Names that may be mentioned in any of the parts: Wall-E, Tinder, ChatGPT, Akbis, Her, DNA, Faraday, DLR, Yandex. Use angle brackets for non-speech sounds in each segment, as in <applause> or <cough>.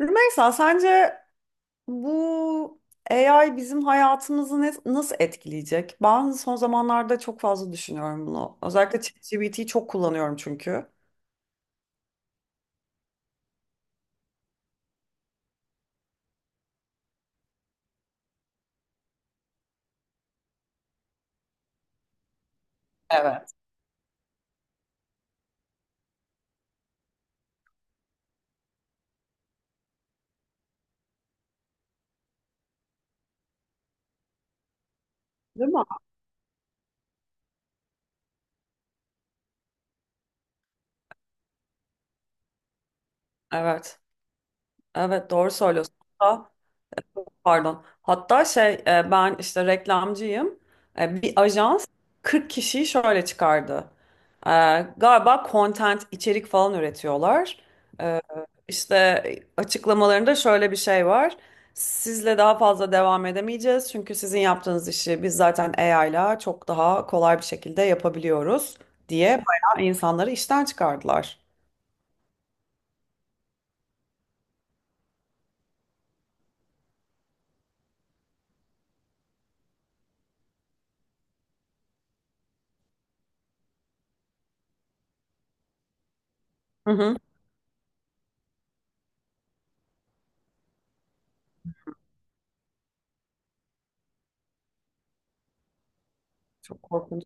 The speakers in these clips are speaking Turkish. Rümeysa, sence bu AI bizim hayatımızı nasıl etkileyecek? Ben son zamanlarda çok fazla düşünüyorum bunu. Özellikle ChatGPT'yi çok kullanıyorum çünkü. Evet. Değil mi? Evet, evet, doğru söylüyorsun. Pardon. Hatta ben işte reklamcıyım. Bir ajans 40 kişiyi şöyle çıkardı. E, Galiba content, içerik falan üretiyorlar. E, İşte açıklamalarında şöyle bir şey var. Sizle daha fazla devam edemeyeceğiz. Çünkü sizin yaptığınız işi biz zaten AI ile çok daha kolay bir şekilde yapabiliyoruz, diye bayağı insanları işten çıkardılar. Hı hı. Çok korkunç.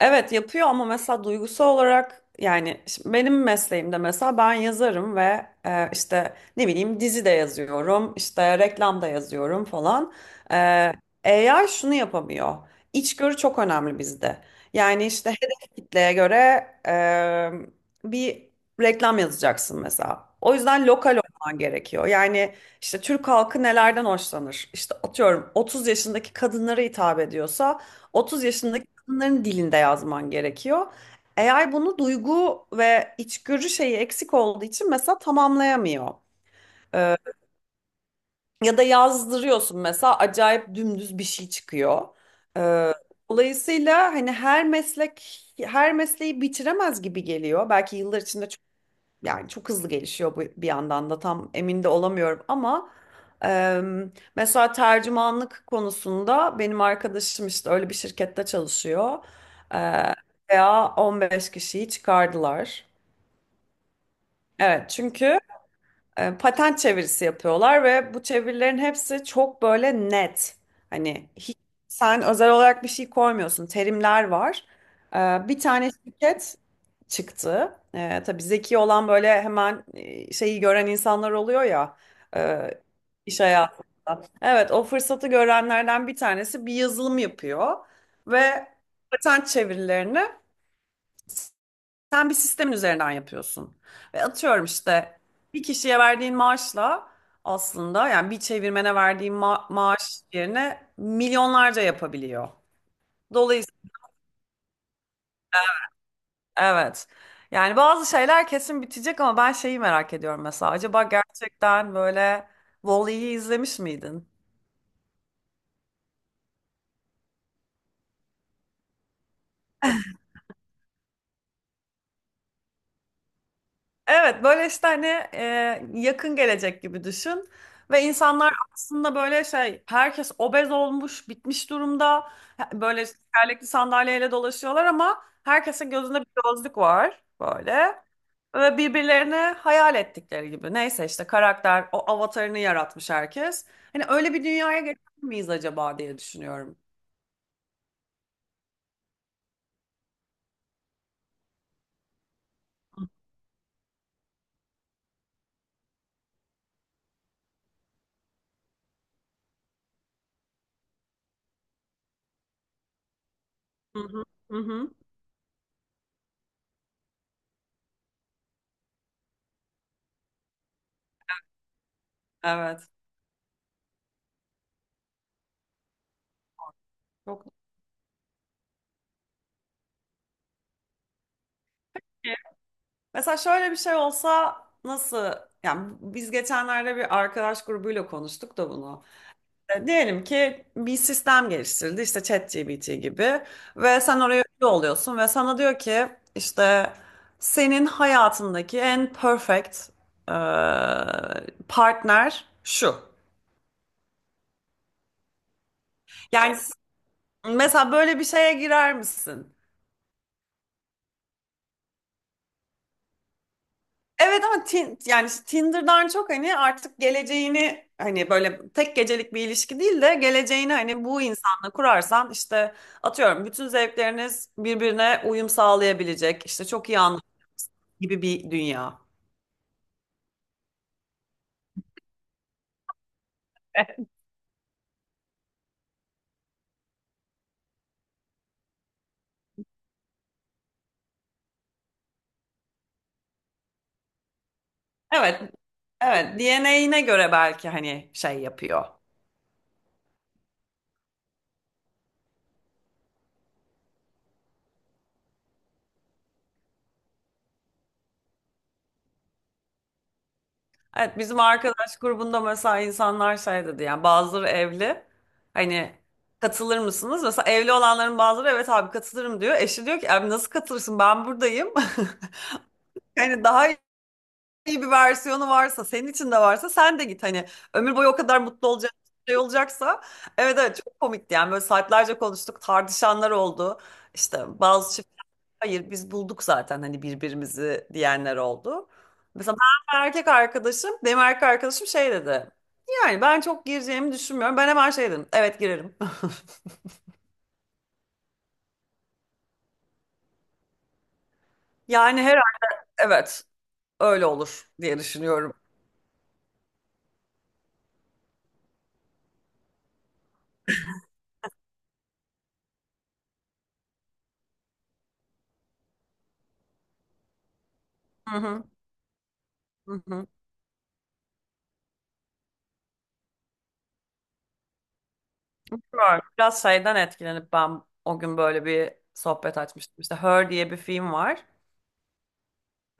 Evet yapıyor ama mesela duygusal olarak, yani şimdi benim mesleğimde mesela ben yazarım ve işte ne bileyim dizi de yazıyorum, işte reklam da yazıyorum falan. E, AI şunu yapamıyor. İçgörü çok önemli bizde. Yani işte hedef kitleye göre bir reklam yazacaksın mesela. O yüzden lokal olman gerekiyor. Yani işte Türk halkı nelerden hoşlanır? İşte atıyorum 30 yaşındaki kadınlara hitap ediyorsa, 30 yaşındaki insanların dilinde yazman gerekiyor. Eğer bunu, duygu ve içgörü şeyi eksik olduğu için mesela tamamlayamıyor. Ee, ya da yazdırıyorsun mesela, acayip dümdüz bir şey çıkıyor. Ee, dolayısıyla hani her meslek her mesleği bitiremez gibi geliyor. Belki yıllar içinde çok, yani çok hızlı gelişiyor bu, bir yandan da tam emin de olamıyorum ama mesela tercümanlık konusunda benim arkadaşım işte öyle bir şirkette çalışıyor. Hı. Veya 15 kişiyi çıkardılar. Evet çünkü patent çevirisi yapıyorlar ve bu çevirilerin hepsi çok böyle net. Hani hiç, sen özel olarak bir şey koymuyorsun. Terimler var. Bir tane şirket çıktı. Tabii zeki olan böyle hemen şeyi gören insanlar oluyor ya, e, iş hayatında. Evet, o fırsatı görenlerden bir tanesi bir yazılım yapıyor ve patent çevirilerini sen bir sistemin üzerinden yapıyorsun. Ve atıyorum işte bir kişiye verdiğin maaşla, aslında yani bir çevirmene verdiğin maaş yerine milyonlarca yapabiliyor. Dolayısıyla evet. Yani bazı şeyler kesin bitecek ama ben şeyi merak ediyorum mesela. Acaba gerçekten böyle... Wall-E'yi izlemiş miydin? Evet, böyle işte hani yakın gelecek gibi düşün. Ve insanlar aslında böyle şey, herkes obez olmuş bitmiş durumda. Böyle tekerlekli sandalyeyle dolaşıyorlar ama herkesin gözünde bir gözlük var böyle. Ve birbirlerine hayal ettikleri gibi, neyse işte karakter, o avatarını yaratmış herkes. Hani öyle bir dünyaya geçer miyiz acaba diye düşünüyorum. Hı hı. Hı hı. Evet. Çok. Mesela şöyle bir şey olsa, nasıl yani, biz geçenlerde bir arkadaş grubuyla konuştuk da bunu. Diyelim ki bir sistem geliştirildi işte ChatGPT gibi, ve sen oraya üye oluyorsun ve sana diyor ki işte senin hayatındaki en perfect e, partner şu. Yani mesela böyle bir şeye girer misin? Evet ama yani işte, Tinder'dan çok, hani artık geleceğini, hani böyle tek gecelik bir ilişki değil de geleceğini hani bu insanla kurarsan, işte atıyorum bütün zevkleriniz birbirine uyum sağlayabilecek, işte çok iyi anlaşma gibi bir dünya. Evet. Evet, DNA'ine göre belki hani şey yapıyor. Evet, bizim arkadaş grubunda mesela insanlar şey dedi yani, bazıları evli, hani katılır mısınız? Mesela evli olanların bazıları evet abi katılırım diyor. Eşi diyor ki, abi nasıl katılırsın, ben buradayım. <laughs> Yani daha iyi bir versiyonu varsa, senin için de varsa, sen de git hani, ömür boyu o kadar mutlu olacak, şey olacaksa, evet evet çok komikti, yani böyle saatlerce konuştuk, tartışanlar oldu. İşte bazı çift. Hayır, biz bulduk zaten hani birbirimizi, diyenler oldu. Mesela ben ve erkek arkadaşım, benim erkek arkadaşım şey dedi. Yani ben çok gireceğimi düşünmüyorum. Ben hemen şey dedim. Evet girerim. <laughs> Yani herhalde, evet, öyle olur diye düşünüyorum. Hı hı, hı hı. Bilmiyorum, biraz şeyden etkilenip ben o gün böyle bir sohbet açmıştım. İşte Her diye bir film var.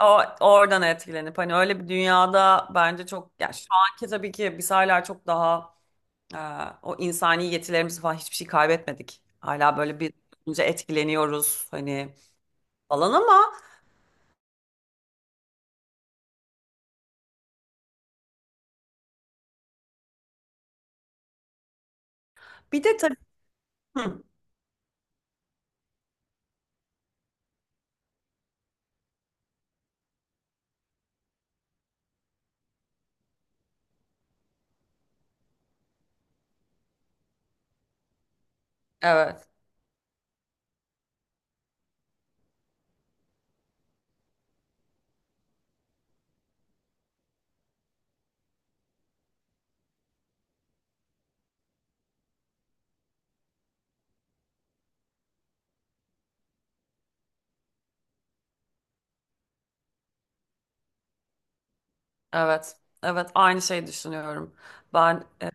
Oradan etkilenip, hani öyle bir dünyada bence çok, yani şu anki tabii ki biz hala çok daha Ee, o insani yetilerimizi falan hiçbir şey kaybetmedik. Hala böyle bir olunca etkileniyoruz hani falan, ama bir de tabii. Hı, evet, evet, evet, aynı şeyi düşünüyorum. Ben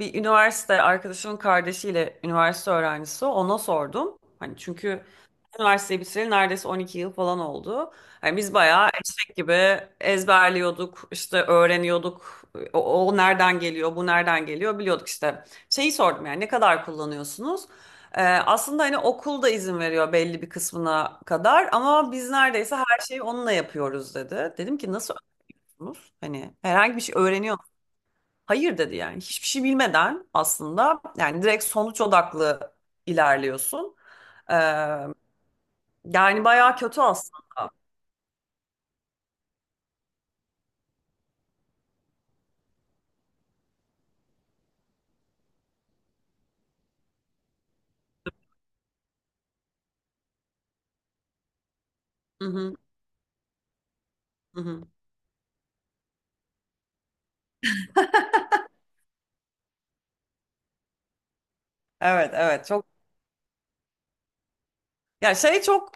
bir üniversite arkadaşımın kardeşiyle, üniversite öğrencisi o, ona sordum. Hani çünkü üniversiteyi bitireli neredeyse 12 yıl falan oldu. Hani biz bayağı eşek gibi ezberliyorduk, işte öğreniyorduk. O nereden geliyor, bu nereden geliyor biliyorduk işte. Şeyi sordum yani, ne kadar kullanıyorsunuz? Aslında hani okul da izin veriyor belli bir kısmına kadar ama biz neredeyse her şeyi onunla yapıyoruz dedi. Dedim ki, nasıl öğreniyorsunuz? Hani herhangi bir şey öğreniyor, hayır dedi, yani hiçbir şey bilmeden aslında, yani direkt sonuç odaklı ilerliyorsun. Ee, yani bayağı kötü aslında. Hı hı, hı hı. Evet, evet, çok. Ya şey, çok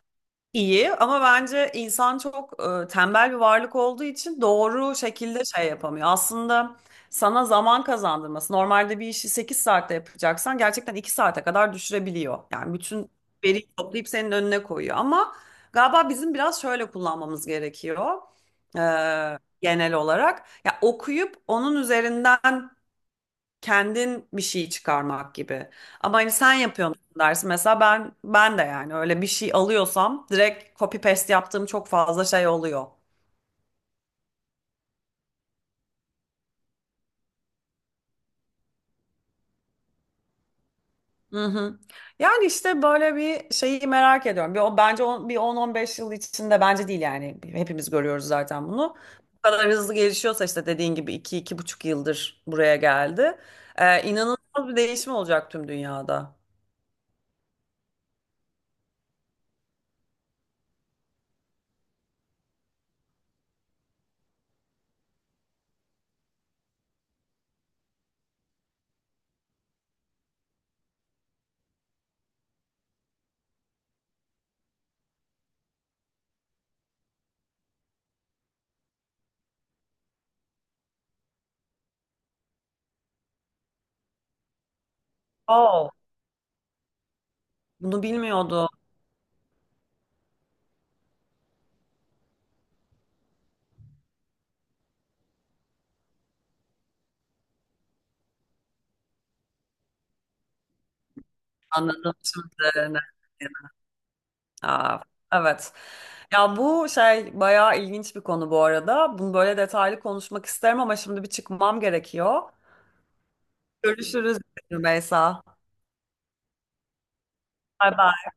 İyi ama bence insan çok tembel bir varlık olduğu için doğru şekilde şey yapamıyor. Aslında sana zaman kazandırması, normalde bir işi 8 saatte yapacaksan gerçekten 2 saate kadar düşürebiliyor. Yani bütün veriyi toplayıp senin önüne koyuyor. Ama galiba bizim biraz şöyle kullanmamız gerekiyor, Genel olarak. Ya okuyup onun üzerinden kendin bir şey çıkarmak gibi. Ama hani sen yapıyorsun dersin. Mesela ben de, yani öyle bir şey alıyorsam direkt copy paste yaptığım çok fazla şey oluyor. Hı hı. Yani işte böyle bir şeyi merak ediyorum. Bence on, bir 10-15 yıl içinde, bence değil yani. Hepimiz görüyoruz zaten bunu. Bu kadar hızlı gelişiyorsa, işte dediğin gibi, iki 2,5 yıldır buraya geldi. İnanılmaz bir değişim olacak tüm dünyada. Oo. Bunu bilmiyordum. Anladım şimdi. Aa, evet. Ya bu şey bayağı ilginç bir konu bu arada. Bunu böyle detaylı konuşmak isterim ama şimdi bir çıkmam gerekiyor. Görüşürüz Rümeysa. Bay bay.